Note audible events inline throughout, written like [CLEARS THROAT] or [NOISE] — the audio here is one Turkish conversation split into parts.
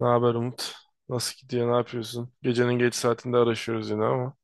Ne haber Umut? Nasıl gidiyor? Ne yapıyorsun? Gecenin geç saatinde araşıyoruz yine ama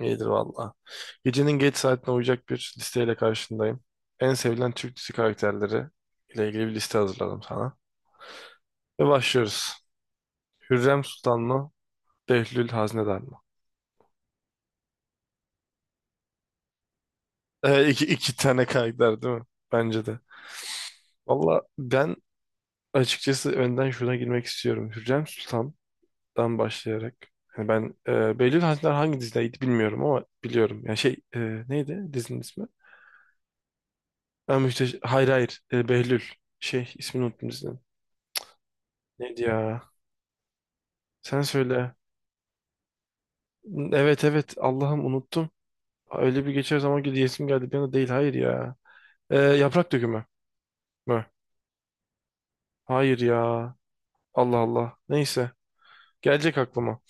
iyidir valla. Gecenin geç saatine uyacak bir listeyle karşındayım. En sevilen Türk dizi karakterleri ile ilgili bir liste hazırladım sana. Ve başlıyoruz. Hürrem Sultan mı? Behlül Haznedar mı? İki tane karakter değil mi? Bence de. Valla ben açıkçası önden şuna girmek istiyorum. Hürrem Sultan'dan başlayarak. Hani ben Behlül Haznedar hangi dizideydi bilmiyorum ama biliyorum. Yani şey, neydi dizinin ismi? Hayır, hayır. Behlül. Şey, ismini unuttum dizinin. Neydi ya? Sen söyle. Evet, evet. Allah'ım unuttum. Öyle bir geçer zaman ki diyesim geldi. Bir anda değil. Hayır ya. Yaprak Dökümü mü? Hayır ya. Allah Allah. Neyse. Gelecek aklıma.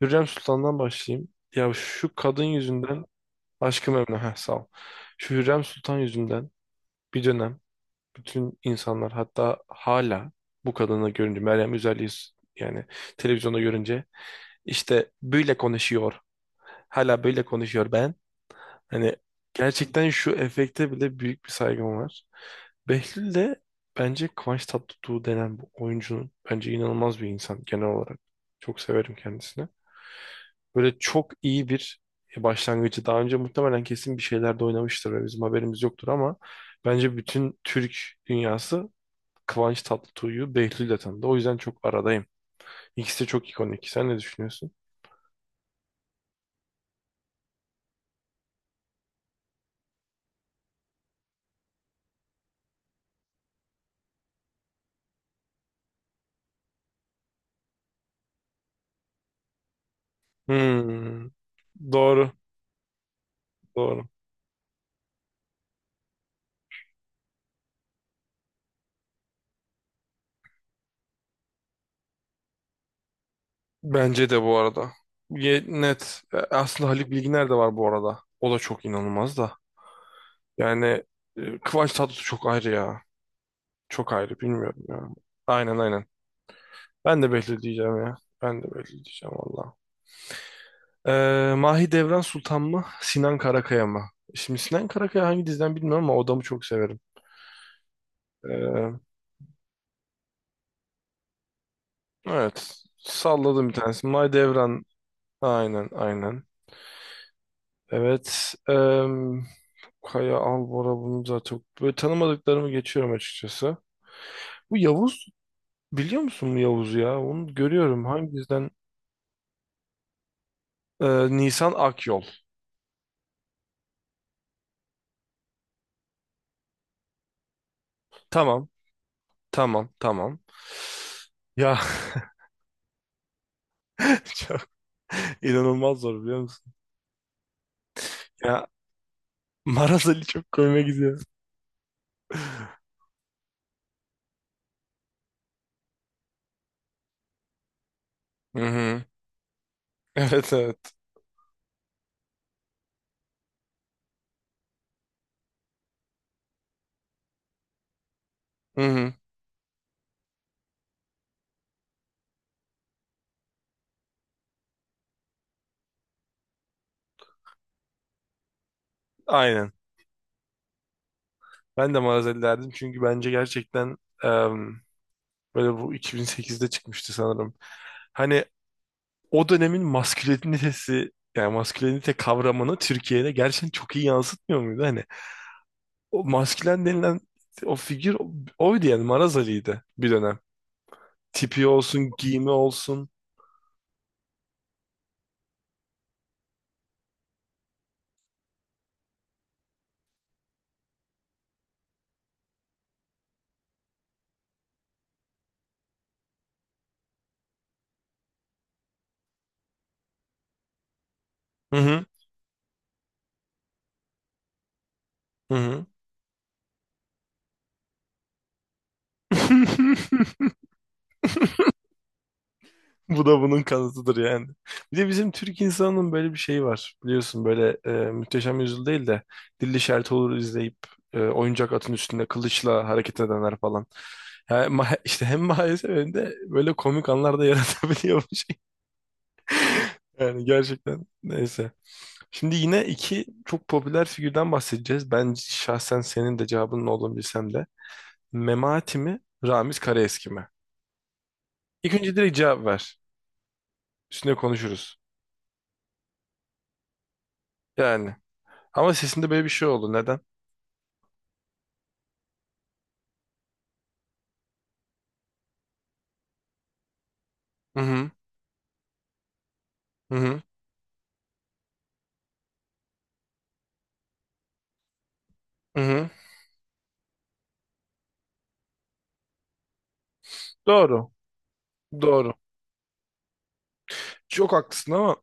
Hürrem Sultan'dan başlayayım. Ya şu kadın yüzünden aşkım Emine. Heh, sağ ol. Şu Hürrem Sultan yüzünden bir dönem bütün insanlar, hatta hala bu kadını görünce Meryem Üzerli'yi yani televizyonda görünce, İşte böyle konuşuyor. Hala böyle konuşuyor ben. Hani gerçekten şu efekte bile büyük bir saygım var. Behlül de bence Kıvanç Tatlıtuğ denen bu oyuncunun, bence inanılmaz bir insan genel olarak. Çok severim kendisini. Böyle çok iyi bir başlangıcı. Daha önce muhtemelen kesin bir şeylerde oynamıştır ve bizim haberimiz yoktur ama bence bütün Türk dünyası Kıvanç Tatlıtuğ'u Behlül'le tanıdı. O yüzden çok aradayım. İkisi de çok ikonik. Sen ne düşünüyorsun? Hmm, doğru, doğru. Bence de bu arada. Net. Aslında Haluk Bilginer de var bu arada. O da çok inanılmaz da. Yani Kıvanç Tatlıtuğ çok ayrı ya. Çok ayrı bilmiyorum ya. Aynen, aynen. Ben de Behlül diyeceğim ya. Ben de Behlül diyeceğim valla. Mahidevran Sultan mı? Sinan Karakaya mı? Şimdi Sinan Karakaya hangi diziden bilmiyorum ama o adamı çok severim. Ee, evet. Salladım bir tanesi. Mahidevran. Aynen, aynen. Evet. Kaya Albora, bunu zaten böyle tanımadıklarımı geçiyorum açıkçası. Bu Yavuz, biliyor musun bu Yavuz'u ya? Onu görüyorum. Hangisinden? Nisan Akyol. Tamam. Tamam. Tamam. Ya [LAUGHS] çok inanılmaz zor biliyor musun? Ya Maraz Ali çok koyma gidiyor. Hı hı. Evet, evet. Hı hı. Aynen. Ben de Maraz Ali derdim çünkü bence gerçekten, em, böyle bu 2008'de çıkmıştı sanırım. Hani o dönemin maskülenitesi, yani maskülenite kavramını Türkiye'de gerçekten çok iyi yansıtmıyor muydu? Hani o maskülen denilen o figür, oydu yani, Maraz Ali'ydi bir dönem. Tipi olsun, giyimi olsun. Hı hı. Hı hı. [LAUGHS] Bu da bunun kanıtıdır yani. Bir de bizim Türk insanının böyle bir şeyi var. Biliyorsun böyle, Muhteşem Yüzyıl değil de Dilli Şerit Olur izleyip oyuncak atın üstünde kılıçla hareket edenler falan. Yani, [LAUGHS] işte hem maalesef hem de böyle komik anlar da [LAUGHS] yaratabiliyor bu şey. Yani gerçekten, neyse. Şimdi yine iki çok popüler figürden bahsedeceğiz. Ben şahsen senin de cevabının olduğunu bilsem de. Memati mi, Ramiz Karaeski mi? İlk önce direkt cevap ver. Üstüne konuşuruz. Yani, ama sesinde böyle bir şey oldu. Neden? Hı hı. Hı hı. Hı hı. Doğru. Doğru. Çok haklısın ama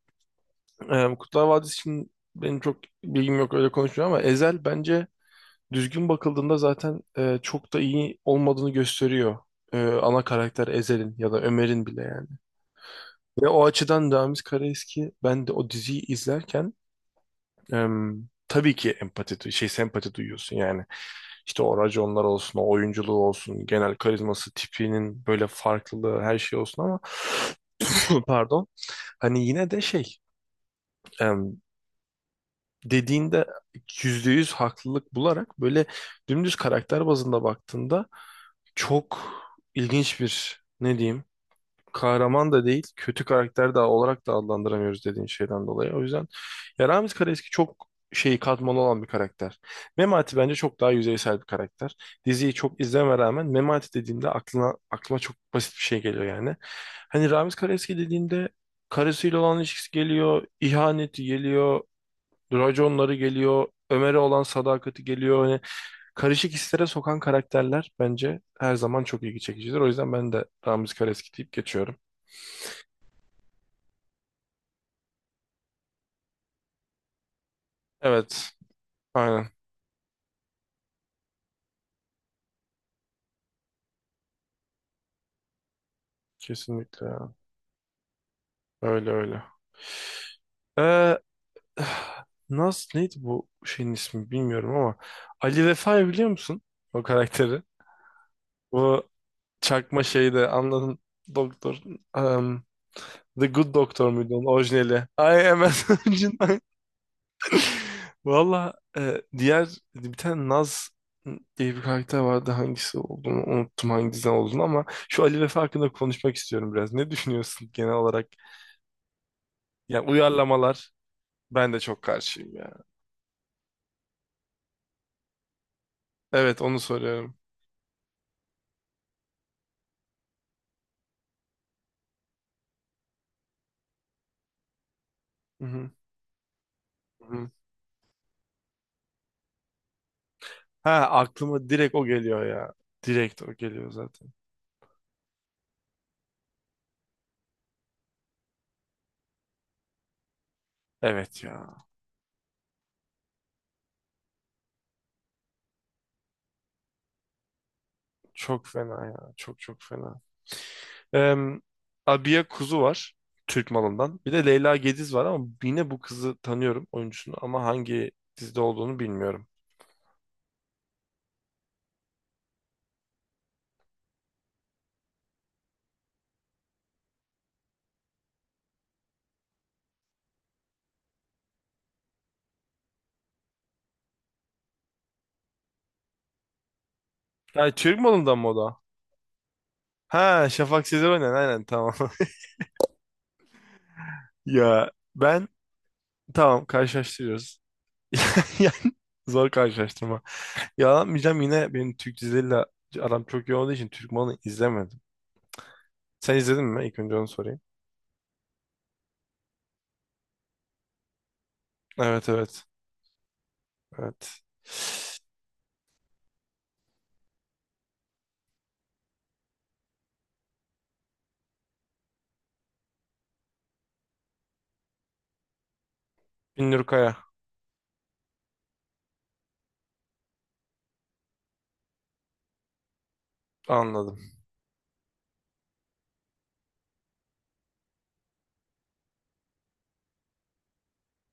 Kurtlar Vadisi için benim çok bilgim yok, öyle konuşmuyorum, ama Ezel bence düzgün bakıldığında zaten çok da iyi olmadığını gösteriyor. Ana karakter Ezel'in ya da Ömer'in bile yani. Ve o açıdan Ramiz Karaeski, ben de o diziyi izlerken tabii ki empati, şey, sempati duyuyorsun yani. İşte o raconlar olsun, o oyunculuğu olsun, genel karizması, tipinin böyle farklılığı, her şey olsun ama [SNIFFS] [CLEARS THROAT] pardon. Hani yine de şey, em, dediğinde, yüzde yüz haklılık bularak, böyle dümdüz karakter bazında baktığında, çok ilginç bir, ne diyeyim, kahraman da değil, kötü karakter de olarak da adlandıramıyoruz, dediğin şeyden dolayı. O yüzden ya, Ramiz Karaeski çok şeyi, katmanlı olan bir karakter. Memati bence çok daha yüzeysel bir karakter. Diziyi çok izleme rağmen Memati dediğimde aklıma çok basit bir şey geliyor yani. Hani Ramiz Karaeski dediğimde, karısıyla olan ilişkisi geliyor, ihaneti geliyor, raconları geliyor, Ömer'e olan sadakati geliyor. Hani karışık hislere sokan karakterler bence her zaman çok ilgi çekicidir. O yüzden ben de Ramiz Karaeski deyip geçiyorum. Evet. Aynen. Kesinlikle ya. Öyle, öyle. Ee, nasıl [SIGHS] neydi bu şeyin ismi bilmiyorum ama Ali Vefa'yı biliyor musun? O karakteri. Bu çakma şeyde, anladın, doktor, em, The Good Doctor muydu onun orijinali? Ay, hemen [LAUGHS] önceden. Valla diğer bir tane Naz diye bir karakter vardı. Hangisi olduğunu unuttum, hangisinden olduğunu, ama şu Ali Vefa hakkında konuşmak istiyorum biraz. Ne düşünüyorsun genel olarak? Yani uyarlamalar. Ben de çok karşıyım ya. Evet, onu soruyorum. Hı hı. Hı hı. Ha, aklıma direkt o geliyor ya. Direkt o geliyor zaten. Evet ya. Çok fena ya. Çok çok fena. Em, Abiye Kuzu var. Türk Malı'ndan. Bir de Leyla Gediz var ama yine bu kızı tanıyorum, oyuncusunu, ama hangi dizide olduğunu bilmiyorum. Yani Türk Malı'ndan mı o da? Ha, Şafak Sezer oynayan, aynen, tamam. [LAUGHS] Ya ben, tamam, karşılaştırıyoruz. [LAUGHS] Yani zor karşılaştırma. Yalanmayacağım, yine benim Türk dizileriyle aram çok iyi olduğu için Türk Malı'nı izlemedim. Sen izledin mi? İlk önce onu sorayım. Evet, evet. Evet. Binnur Kaya. Anladım.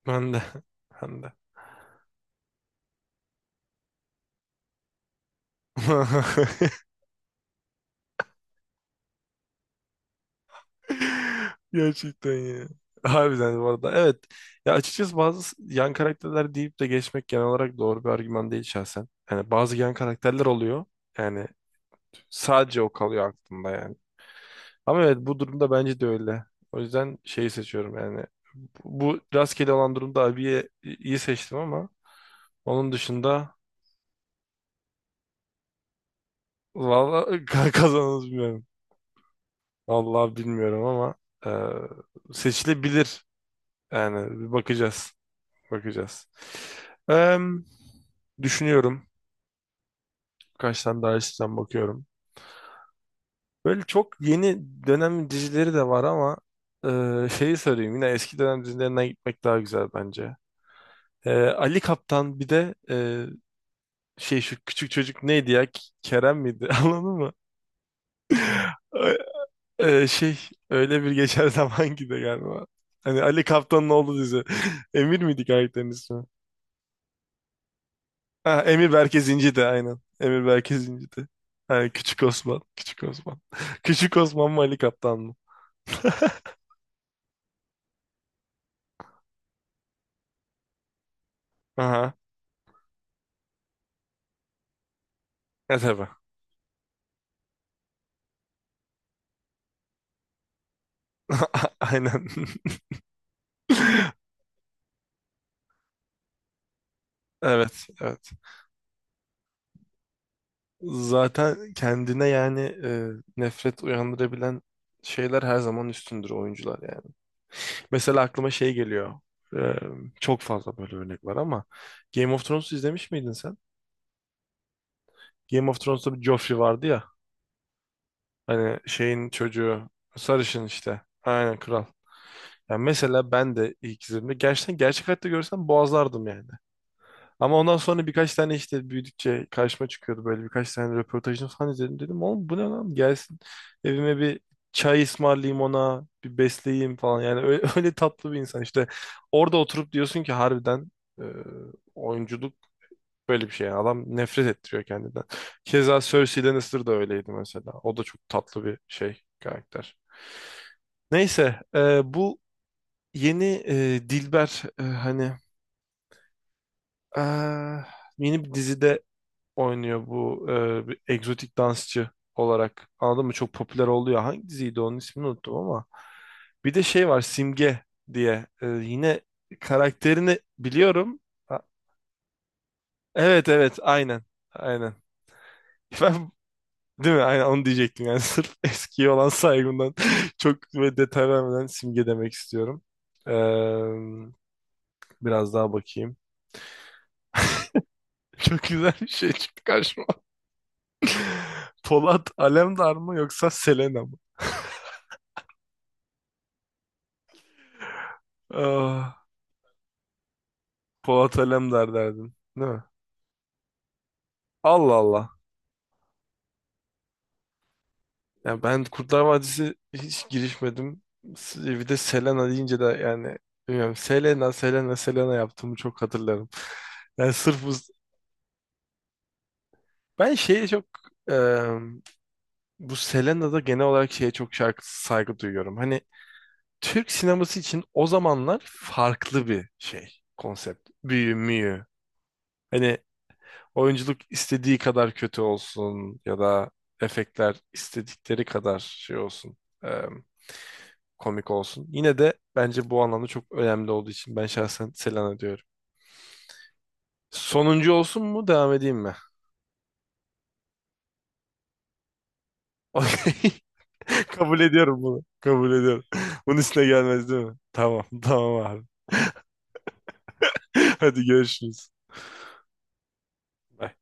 Ben de. [LAUGHS] Ben de. [LAUGHS] [LAUGHS] Gerçekten ya. Harbiden bu arada. Evet. Ya açıkçası bazı yan karakterler deyip de geçmek genel olarak doğru bir argüman değil şahsen. Yani bazı yan karakterler oluyor. Yani sadece o kalıyor aklımda yani. Ama evet, bu durumda bence de öyle. O yüzden şeyi seçiyorum yani. Bu rastgele olan durumda abiye iyi seçtim ama onun dışında, valla [LAUGHS] kazanırız bilmiyorum. Allah bilmiyorum ama seçilebilir. Yani bir bakacağız. Bakacağız. Eee, düşünüyorum. Kaç tane daha açıdan bakıyorum. Böyle çok yeni dönem dizileri de var ama şeyi söyleyeyim. Yine eski dönem dizilerinden gitmek daha güzel bence. Ali Kaptan bir de şey, şu küçük çocuk neydi ya? Kerem miydi? [LAUGHS] Anladın mı? Şey, Öyle Bir Geçer [LAUGHS] Zaman gibi galiba. Hani Ali Kaptan'ın oğlu dizi. [LAUGHS] Emir miydi karakterin ismi? Ha, Emir Berke Zinci de aynen. Emir Berke Zinci de. Ha, Küçük Osman. Küçük Osman. [LAUGHS] Küçük Osman mı, Ali Kaptan mı? Aha. E tabii. [LAUGHS] Aynen. [LAUGHS] Evet, evet. Zaten kendine yani nefret uyandırabilen şeyler her zaman üstündür oyuncular yani. Mesela aklıma şey geliyor. E, çok fazla böyle örnek var ama Game of Thrones'u izlemiş miydin sen? Game of Thrones'ta bir Joffrey vardı ya. Hani şeyin çocuğu, sarışın işte. Aynen, kral. Yani mesela ben de ilk izlediğimde, gerçekten gerçek hayatta görsem boğazlardım yani. Ama ondan sonra birkaç tane, işte büyüdükçe karşıma çıkıyordu böyle, birkaç tane röportajını falan izledim. Dedim oğlum bu ne lan, gelsin evime, bir çay ısmarlayayım ona, bir besleyeyim falan. Yani öyle, [LAUGHS] öyle tatlı bir insan işte. Orada oturup diyorsun ki, harbiden e, oyunculuk böyle bir şey. Yani adam nefret ettiriyor kendinden. Keza Cersei Lannister da öyleydi mesela. O da çok tatlı bir şey karakter. Neyse, bu yeni, Dilber, hani, ah, yeni bir dizide oynuyor bu, bir egzotik dansçı olarak. Anladın mı? Çok popüler oluyor. Hangi diziydi, onun ismini unuttum ama. Bir de şey var, Simge diye. Yine karakterini biliyorum. Ha, evet, evet, aynen. Aynen. [LAUGHS] Ben, değil mi? Aynen onu diyecektim. Yani [LAUGHS] sırf eskiye olan saygımdan [LAUGHS] çok böyle detay vermeden Simge demek istiyorum. E, biraz daha bakayım. [LAUGHS] Çok güzel bir şey çıktı karşıma. [LAUGHS] Polat Alemdar mı yoksa Selena mı? Ah, Polat Alemdar derdim. Değil mi? Allah Allah. Ya ben Kurtlar Vadisi hiç girişmedim. Bir de Selena deyince de yani bilmiyorum. Selena, Selena, Selena yaptığımı çok hatırlarım. Yani sırf bu... Ben şeye çok... eee, bu Selena'da genel olarak şeye çok saygı duyuyorum. Hani Türk sineması için o zamanlar farklı bir şey, konsept. Büyü müyü. Hani oyunculuk istediği kadar kötü olsun ya da efektler istedikleri kadar şey olsun, e, komik olsun. Yine de bence bu anlamda çok önemli olduğu için ben şahsen Selena diyorum. Sonuncu olsun mu devam edeyim mi? [LAUGHS] Okey. Kabul ediyorum bunu. Kabul ediyorum. Bunun üstüne gelmez, değil mi? Tamam, tamam abi. [LAUGHS] Hadi görüşürüz. Bye.